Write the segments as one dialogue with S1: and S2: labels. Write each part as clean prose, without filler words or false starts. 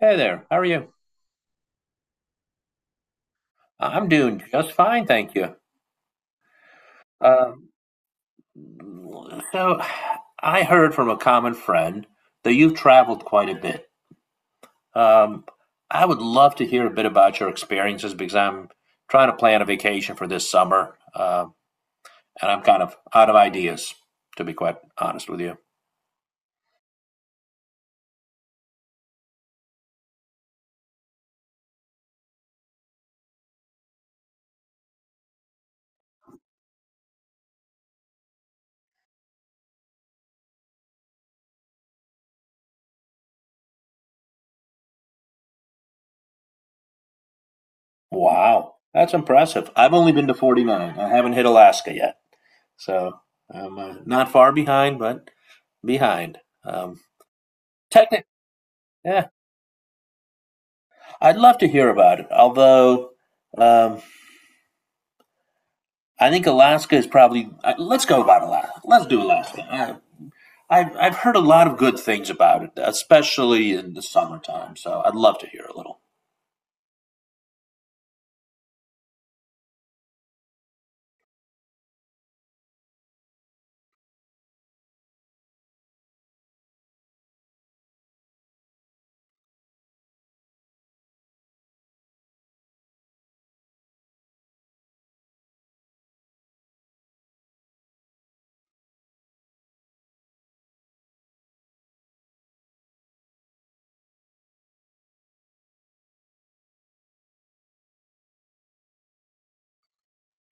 S1: Hey there, how are you? I'm doing just fine, thank you. Um, so, I heard from a common friend that you've traveled quite a bit. Um, I would love to hear a bit about your experiences because I'm trying to plan a vacation for this summer, and I'm kind of out of ideas, to be quite honest with you. Wow, that's impressive. I've only been to 49. I haven't hit Alaska yet, so I'm not far behind, but behind. Um, technically, I'd love to hear about it. Although um, I think Alaska is probably let's go about Alaska. Let's do Alaska. I've heard a lot of good things about it, especially in the summertime. So I'd love to hear a little.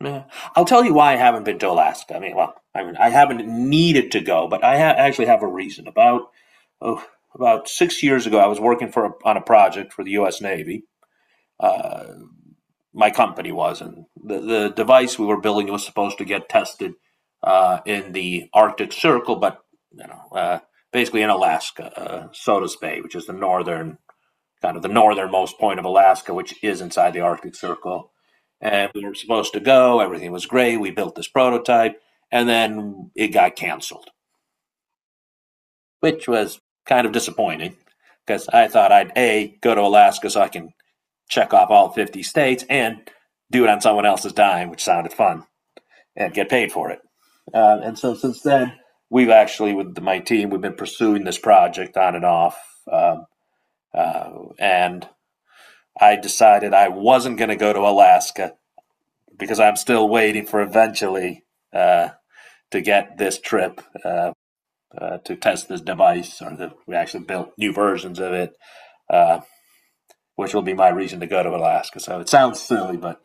S1: Yeah. I'll tell you why I haven't been to Alaska. I mean, well, I mean, I haven't needed to go, but actually have a reason. About oh, about 6 years ago, I was working for on a project for the U.S. Navy. Uh, my company was and the device we were building was supposed to get tested in the Arctic Circle, but you know, uh, basically in Alaska, Sodas Bay, which is the northernmost point of Alaska, which is inside the Arctic Circle. And we were supposed to go. Everything was great. We built this prototype, and then it got canceled, which was kind of disappointing because I thought I'd a go to Alaska so I can check off all 50 states and do it on someone else's dime, which sounded fun, and get paid for it. And so since then, we've actually, with my team, we've been pursuing this project on and off. Um, uh, and I decided I wasn't going to go to Alaska because I'm still waiting for eventually uh, to get this trip to test this device, or we actually built new versions of it, uh, which will be my reason to go to Alaska. So it sounds silly, but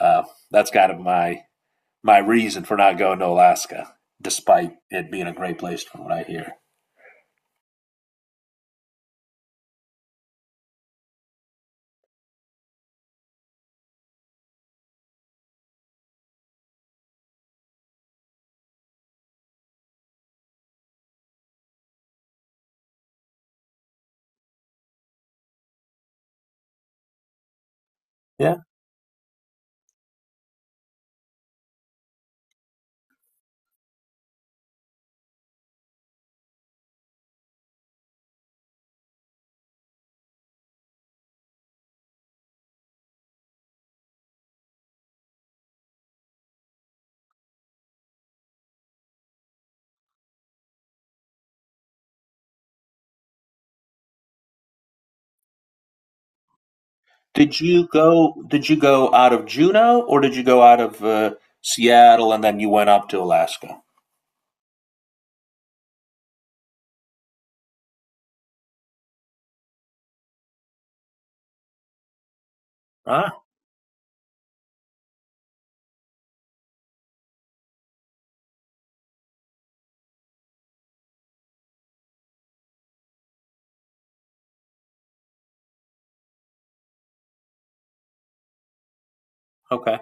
S1: uh, that's kind of my reason for not going to Alaska, despite it being a great place from what I hear. Yeah. Did you go? Did you go out of Juneau, or did you go out of Seattle and then you went up to Alaska? Ah, okay,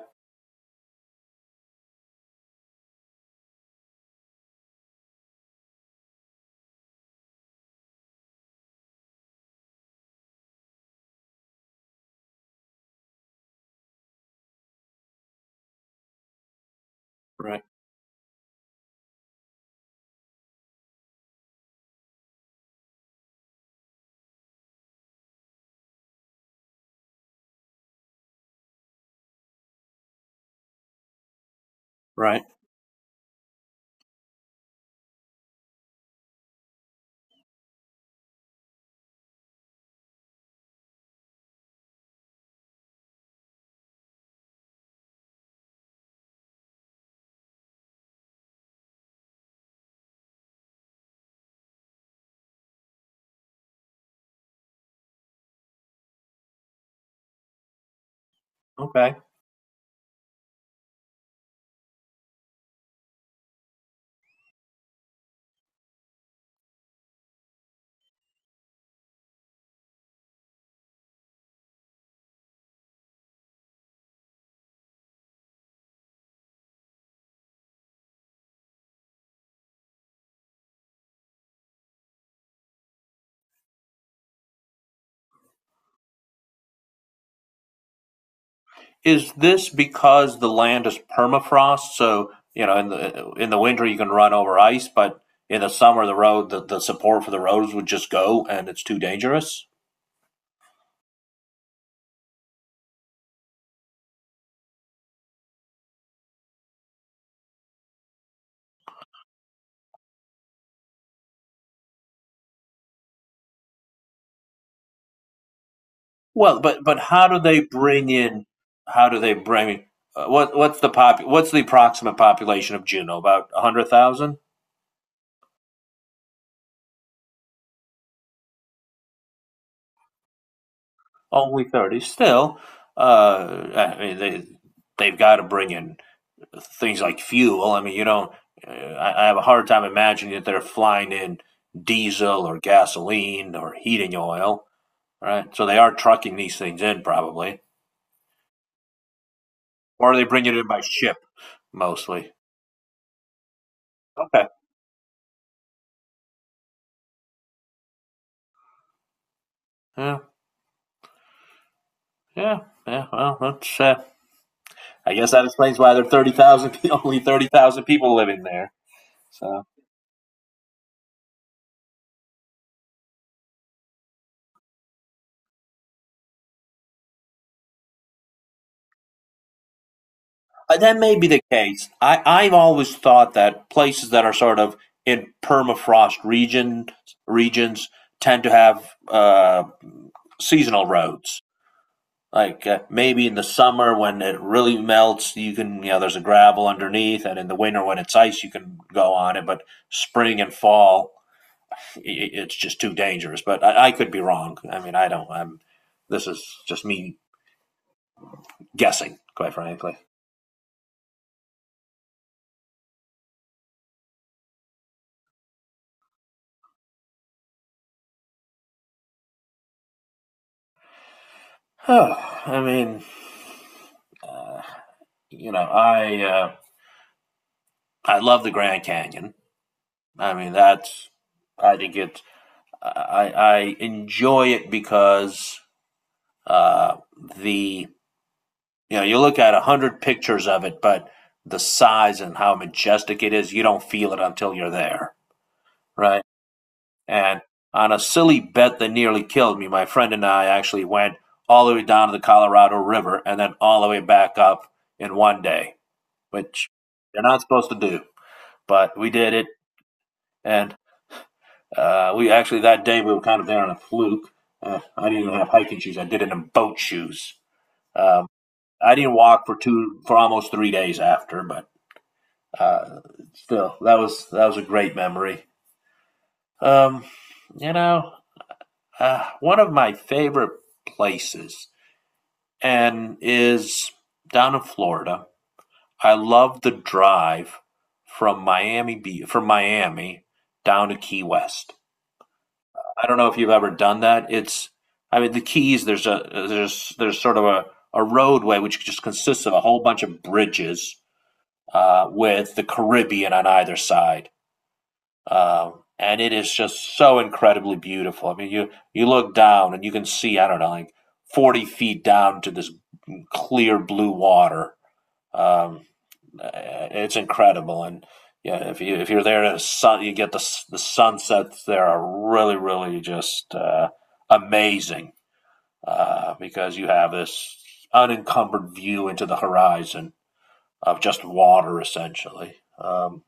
S1: right, right, okay. Is this because the land is permafrost? So you know, in the winter you can run over ice, but in the summer the support for the roads would just go and it's too dangerous. Well, but how do they bring in? How do they bring? What What's the approximate population of Juneau? About 100,000? Only 30. Still, I mean they've got to bring in things like fuel. I mean you don't. I have a hard time imagining that they're flying in diesel or gasoline or heating oil. Right. So they are trucking these things in probably, or are they bringing it in by ship mostly? Okay. Yeah. Yeah. Yeah. Well, that's. I guess that explains why there are 30,000, only 30,000 people living there. So that may be the case. I've always thought that places that are sort of in permafrost region regions tend to have seasonal roads. Like maybe in the summer when it really melts, you can you know there's a gravel underneath, and in the winter when it's ice, you can go on it. But spring and fall, it's just too dangerous. But I could be wrong. I mean, I don't. I'm. This is just me guessing, quite frankly. Oh, I mean, you know, I love the Grand Canyon. I mean, that's I think it. I enjoy it because uh, the you know you look at 100 pictures of it, but the size and how majestic it is, you don't feel it until you're there, right? And on a silly bet that nearly killed me, my friend and I actually went all the way down to the Colorado River and then all the way back up in one day, which you're not supposed to do. But we did it, and we actually that day we were kind of there on a fluke. I didn't even have hiking shoes; I did it in boat shoes. Um, I didn't walk for two for almost 3 days after, but uh, still, that was a great memory. Um, you know, one of my favorite places and is down in Florida. I love the drive from Miami from Miami down to Key West. I don't know if you've ever done that. I mean, the Keys. There's sort of a roadway which just consists of a whole bunch of bridges with the Caribbean on either side, and it is just so incredibly beautiful. I mean, you look down and you can see I don't know like 40 feet down to this clear blue water. Um, uh, It's incredible, and yeah, if you if you're there, at sun, you get the sunsets there are really really just amazing because you have this unencumbered view into the horizon of just water essentially.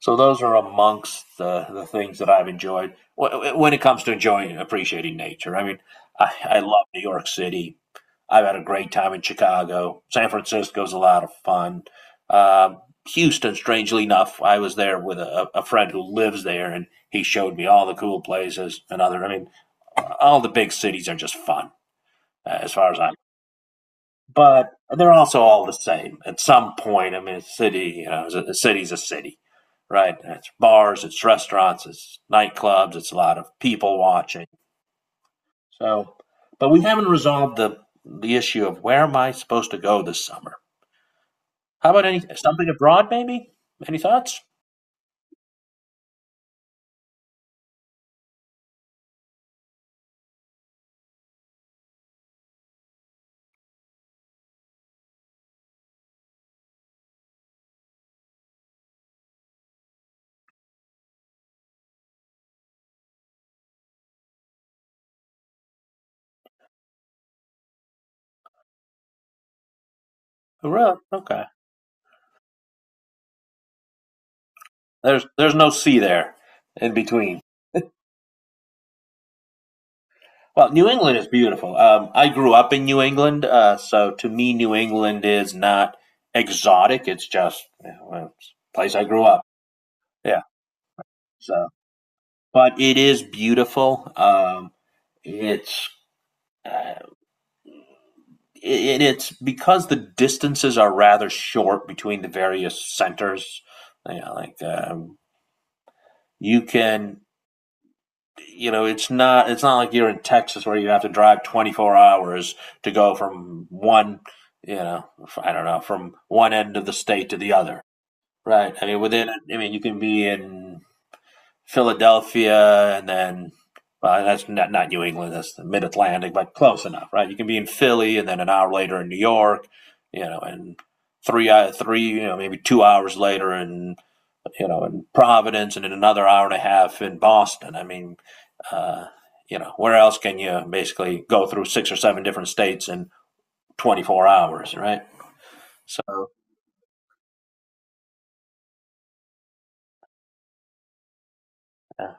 S1: So those are amongst the things that I've enjoyed when it comes to enjoying and appreciating nature. I mean, I love New York City. I've had a great time in Chicago. San Francisco's a lot of fun. Um, Houston, strangely enough, I was there with a friend who lives there, and he showed me all the cool places and other. I mean, all the big cities are just fun, as far as I'm but they're also all the same at some point. I mean, a city, you know, is a city, right? It's bars, it's restaurants, it's nightclubs, it's a lot of people watching. So, but we haven't resolved the issue of where am I supposed to go this summer? How about any something abroad, maybe? Any thoughts? Really? Okay. There's no sea there in between. Well, New England is beautiful. I grew up in New England, so to me, New England is not exotic. It's just you know, well, it's a place I grew up. Yeah. So, but it is beautiful. It's uh, it's because the distances are rather short between the various centers. You know, like you can you know, it's not like you're in Texas where you have to drive 24 hours to go from one, you know, I don't know, from one end of the state to the other, right? I mean, you can be in Philadelphia and then, well, that's not New England, that's the Mid Atlantic, but close enough, right? You can be in Philly and then an hour later in New York, you know, and you know, maybe 2 hours later in you know, in Providence and in another hour and a half in Boston. I mean, uh, you know, where else can you basically go through six or seven different states in 24 hours, right? So, yeah.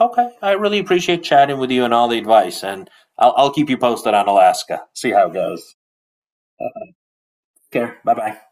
S1: Okay, I really appreciate chatting with you and all the advice, and I'll keep you posted on Alaska. See how it goes. Take care. Bye bye.